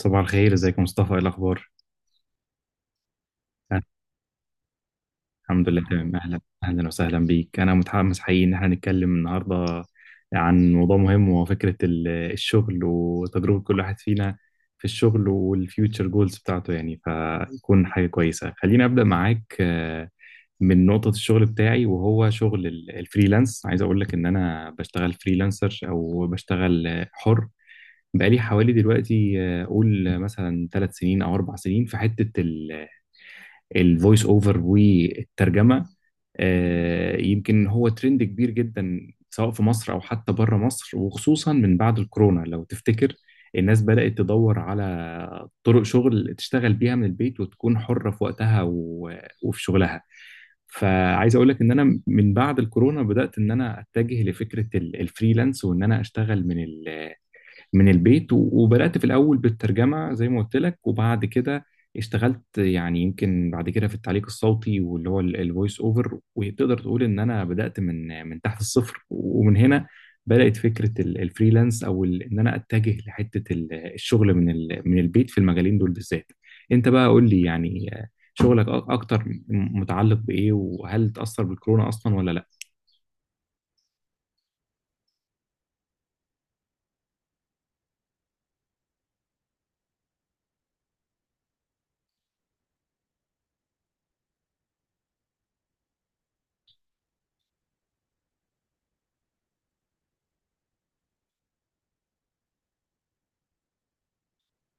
صباح الخير، ازيك يا مصطفى؟ ايه الاخبار؟ أنا الحمد لله تمام. اهلا اهلا وسهلا بيك. انا متحمس حقيقي ان احنا نتكلم النهارده عن موضوع مهم، وهو فكره الشغل وتجربه كل واحد فينا في الشغل والفيوتشر جولز بتاعته. يعني فيكون حاجه كويسه. خليني ابدا معاك من نقطه الشغل بتاعي، وهو شغل الفريلانس. عايز اقول لك ان انا بشتغل فريلانسر او بشتغل حر، بقالي حوالي دلوقتي قول مثلا 3 سنين او 4 سنين في حته الفويس اوفر والترجمه. يمكن هو ترند كبير جدا، سواء في مصر او حتى بره مصر، وخصوصا من بعد الكورونا لو تفتكر. الناس بدأت تدور على طرق شغل تشتغل بيها من البيت وتكون حرة في وقتها وفي شغلها. فعايز اقول لك ان انا من بعد الكورونا بدأت ان انا اتجه لفكرة الفريلانس وان انا اشتغل من البيت، وبدأت في الأول بالترجمة زي ما قلت لك، وبعد كده اشتغلت يعني يمكن بعد كده في التعليق الصوتي واللي هو الفويس اوفر. وتقدر تقول ان انا بدأت من تحت الصفر. ومن هنا بدأت فكرة الفريلانس، او ان انا اتجه لحتة الشغل من من البيت في المجالين دول بالذات. انت بقى قول لي يعني شغلك اكتر متعلق بإيه؟ وهل تأثر بالكورونا اصلا ولا لا؟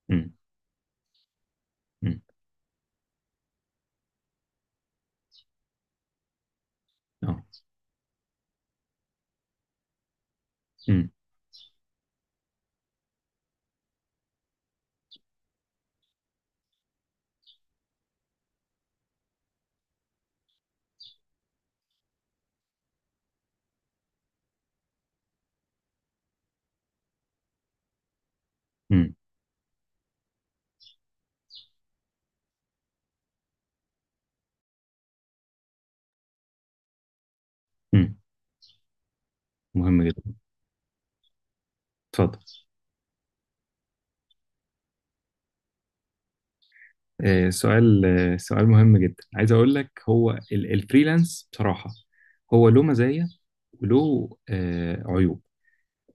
امم. امم. اه. امم. امم. مهم جدا. اتفضل. سؤال مهم جدا. عايز اقول لك هو الفريلانس بصراحة هو له مزايا وله عيوب.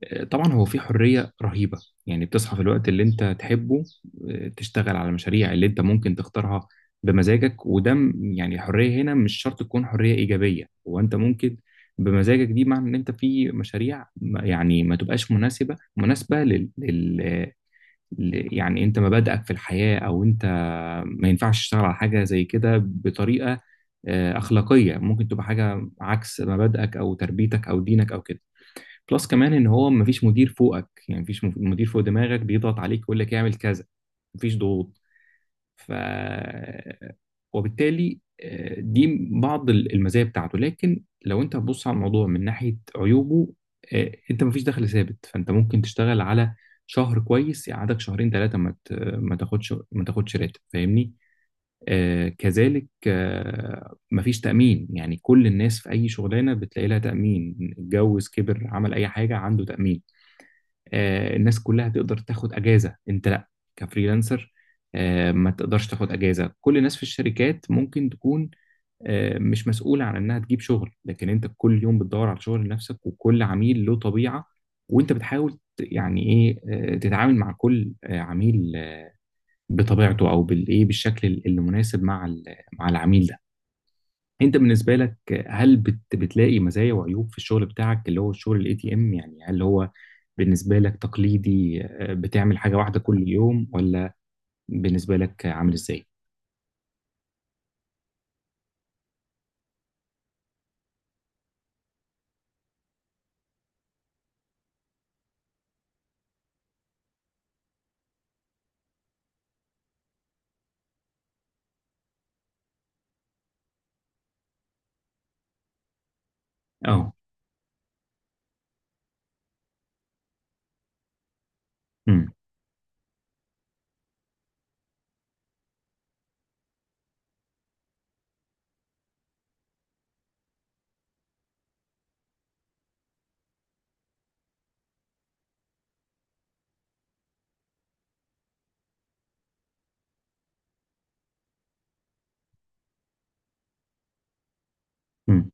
طبعا هو فيه حرية رهيبة، يعني بتصحى في الوقت اللي انت تحبه. تشتغل على المشاريع اللي انت ممكن تختارها بمزاجك. وده يعني الحرية هنا مش شرط تكون حرية إيجابية، هو انت ممكن بمزاجك دي معنى ان انت في مشاريع يعني ما تبقاش مناسبة يعني انت مبادئك في الحياة، او انت ما ينفعش تشتغل على حاجة زي كده بطريقة أخلاقية، ممكن تبقى حاجة عكس مبادئك أو تربيتك أو دينك أو كده. بلس كمان إن هو مفيش مدير فوقك، يعني مفيش مدير فوق دماغك بيضغط عليك ويقول لك اعمل كذا، مفيش ضغوط. ف وبالتالي دي بعض المزايا بتاعته. لكن لو انت هتبص على الموضوع من ناحية عيوبه، انت مفيش دخل ثابت. فانت ممكن تشتغل على شهر كويس يقعدك شهرين 3 ما تاخدش راتب، فاهمني. كذلك مفيش تأمين، يعني كل الناس في أي شغلانة بتلاقي لها تأمين، اتجوز كبر عمل أي حاجة عنده تأمين. الناس كلها تقدر تاخد اجازه، انت لا، كفريلانسر ما تقدرش تاخد اجازه. كل الناس في الشركات ممكن تكون مش مسؤوله عن انها تجيب شغل، لكن انت كل يوم بتدور على شغل لنفسك، وكل عميل له طبيعه، وانت بتحاول يعني ايه تتعامل مع كل عميل بطبيعته او بالايه بالشكل المناسب مع مع العميل ده. انت بالنسبه لك هل بتلاقي مزايا وعيوب في الشغل بتاعك اللي هو الشغل الاي تي ام؟ يعني هل هو بالنسبه لك تقليدي بتعمل حاجه واحده كل يوم؟ ولا بالنسبه لك عامل ازاي؟ اه. امم. امم.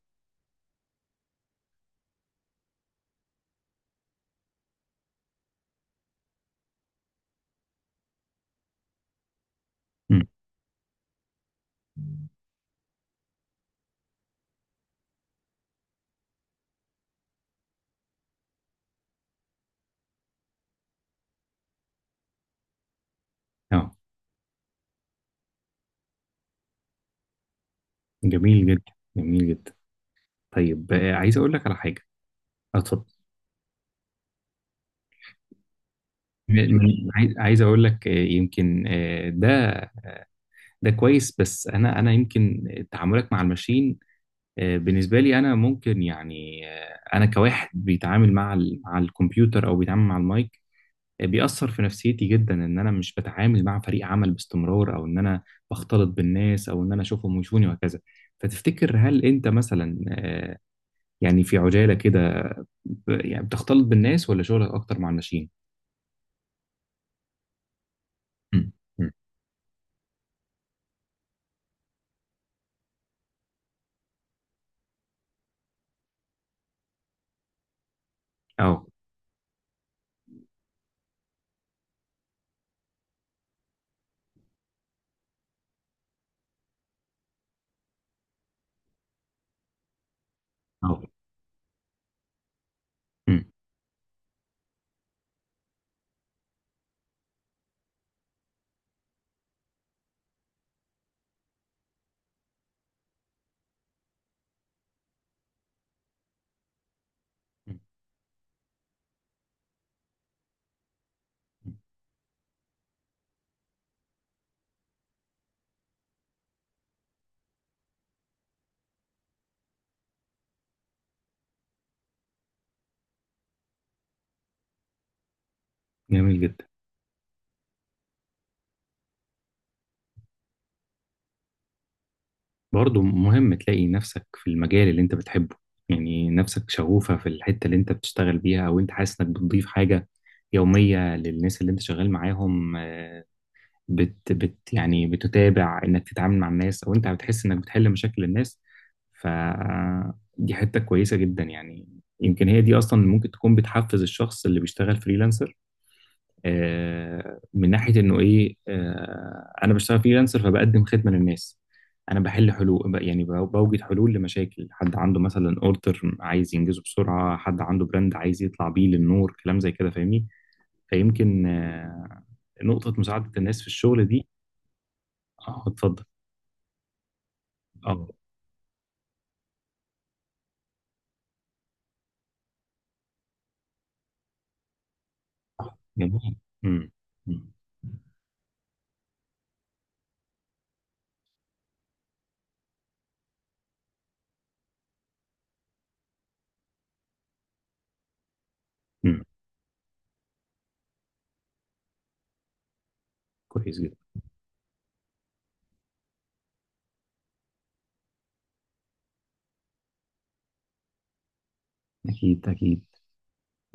امم. اه. جميل جدا، جميل جدا. طيب عايز اقول لك على حاجه. اتفضل. عايز اقول لك يمكن ده كويس. بس انا يمكن تعاملك مع الماشين بالنسبة لي أنا ممكن يعني أنا كواحد بيتعامل مع مع الكمبيوتر أو بيتعامل مع المايك بيأثر في نفسيتي جدا إن أنا مش بتعامل مع فريق عمل باستمرار، أو إن أنا بختلط بالناس، أو إن أنا أشوفهم ويشوفوني وهكذا. فتفتكر هل أنت مثلا يعني في عجالة كده يعني بتختلط بالناس؟ ولا شغلك أكتر مع الناشئين؟ مم. مم. أه. أه. أمم. جميل جدا. برضه مهم تلاقي نفسك في المجال اللي انت بتحبه، يعني نفسك شغوفة في الحتة اللي انت بتشتغل بيها، او انت حاسس انك بتضيف حاجة يومية للناس اللي انت شغال معاهم. بت, بت يعني بتتابع انك تتعامل مع الناس، او انت بتحس انك بتحل مشاكل الناس. فدي حتة كويسة جدا يعني. يمكن هي دي اصلا ممكن تكون بتحفز الشخص اللي بيشتغل فريلانسر من ناحيه انه ايه انا بشتغل فريلانسر، فبقدم خدمه للنس. انا بحل حلول يعني بوجد حلول لمشاكل، حد عنده مثلا اوردر عايز ينجزه بسرعه، حد عنده براند عايز يطلع بيه للنور، كلام زي كده، فاهمني. فيمكن نقطه مساعده الناس في الشغل دي. اه اتفضل. اه جميل. مم. مم. مم. كويس جدا. أكيد أكيد.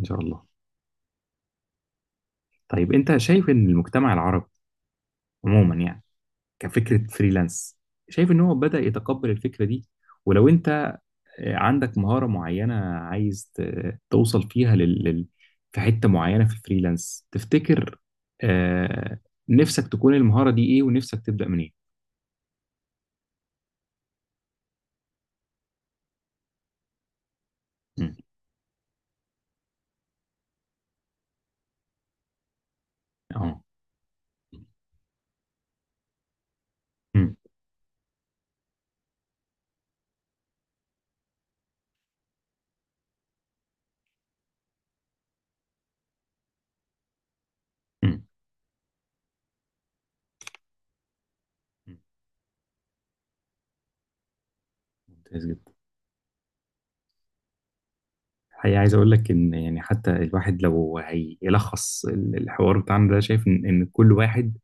إن شاء الله. طيب أنت شايف إن المجتمع العربي عموما يعني كفكرة فريلانس، شايف ان هو بدأ يتقبل الفكرة دي؟ ولو انت عندك مهارة معينة عايز توصل فيها في حتة معينة في الفريلانس، تفتكر آه... نفسك تكون المهارة دي ايه ونفسك تبدأ منين؟ مم. اه. مم. مم. مم. ممتاز جدا. الحقيقة عايز أقول لك إن يعني حتى الواحد لو هيلخص الحوار بتاعنا ده، شايف إن كل واحد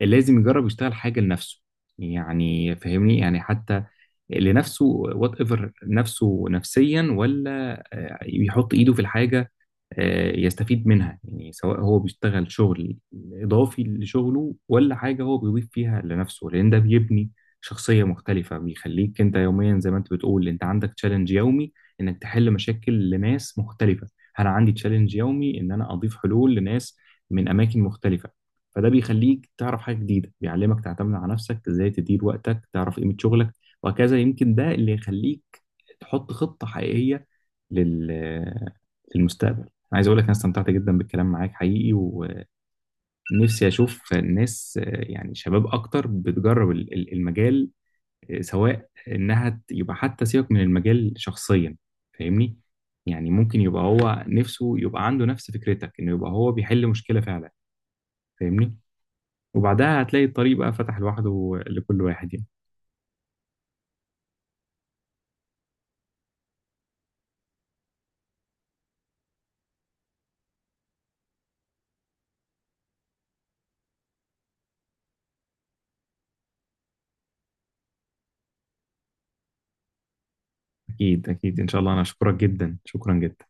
لازم يجرب يشتغل حاجة لنفسه، يعني فاهمني، يعني حتى لنفسه وات ايفر، نفسه نفسيا ولا يحط ايده في الحاجه يستفيد منها. يعني سواء هو بيشتغل شغل إضافي لشغله ولا حاجة هو بيضيف فيها لنفسه، لأن ده بيبني شخصية مختلفة. بيخليك أنت يوميا زي ما أنت بتقول أنت عندك تشالنج يومي إنك تحل مشاكل لناس مختلفة. أنا عندي تشالنج يومي إن أنا أضيف حلول لناس من أماكن مختلفة. فده بيخليك تعرف حاجة جديدة، بيعلمك تعتمد على نفسك، إزاي تدير وقتك، تعرف قيمة شغلك، وهكذا. يمكن ده اللي يخليك تحط خطة حقيقية لل... للمستقبل. أنا عايز أقول لك أنا استمتعت جدا بالكلام معاك، حقيقي، ونفسي أشوف الناس يعني شباب أكتر بتجرب المجال، سواء إنها يبقى حتى سيبك من المجال شخصيا، فاهمني. يعني ممكن يبقى هو نفسه يبقى عنده نفس فكرتك إنه يبقى هو بيحل مشكلة فعلا، فاهمني. وبعدها هتلاقي الطريق بقى فتح لوحده لكل واحد يعني. أكيد أكيد إن شاء الله، أنا أشكرك جدا، شكرا جدا.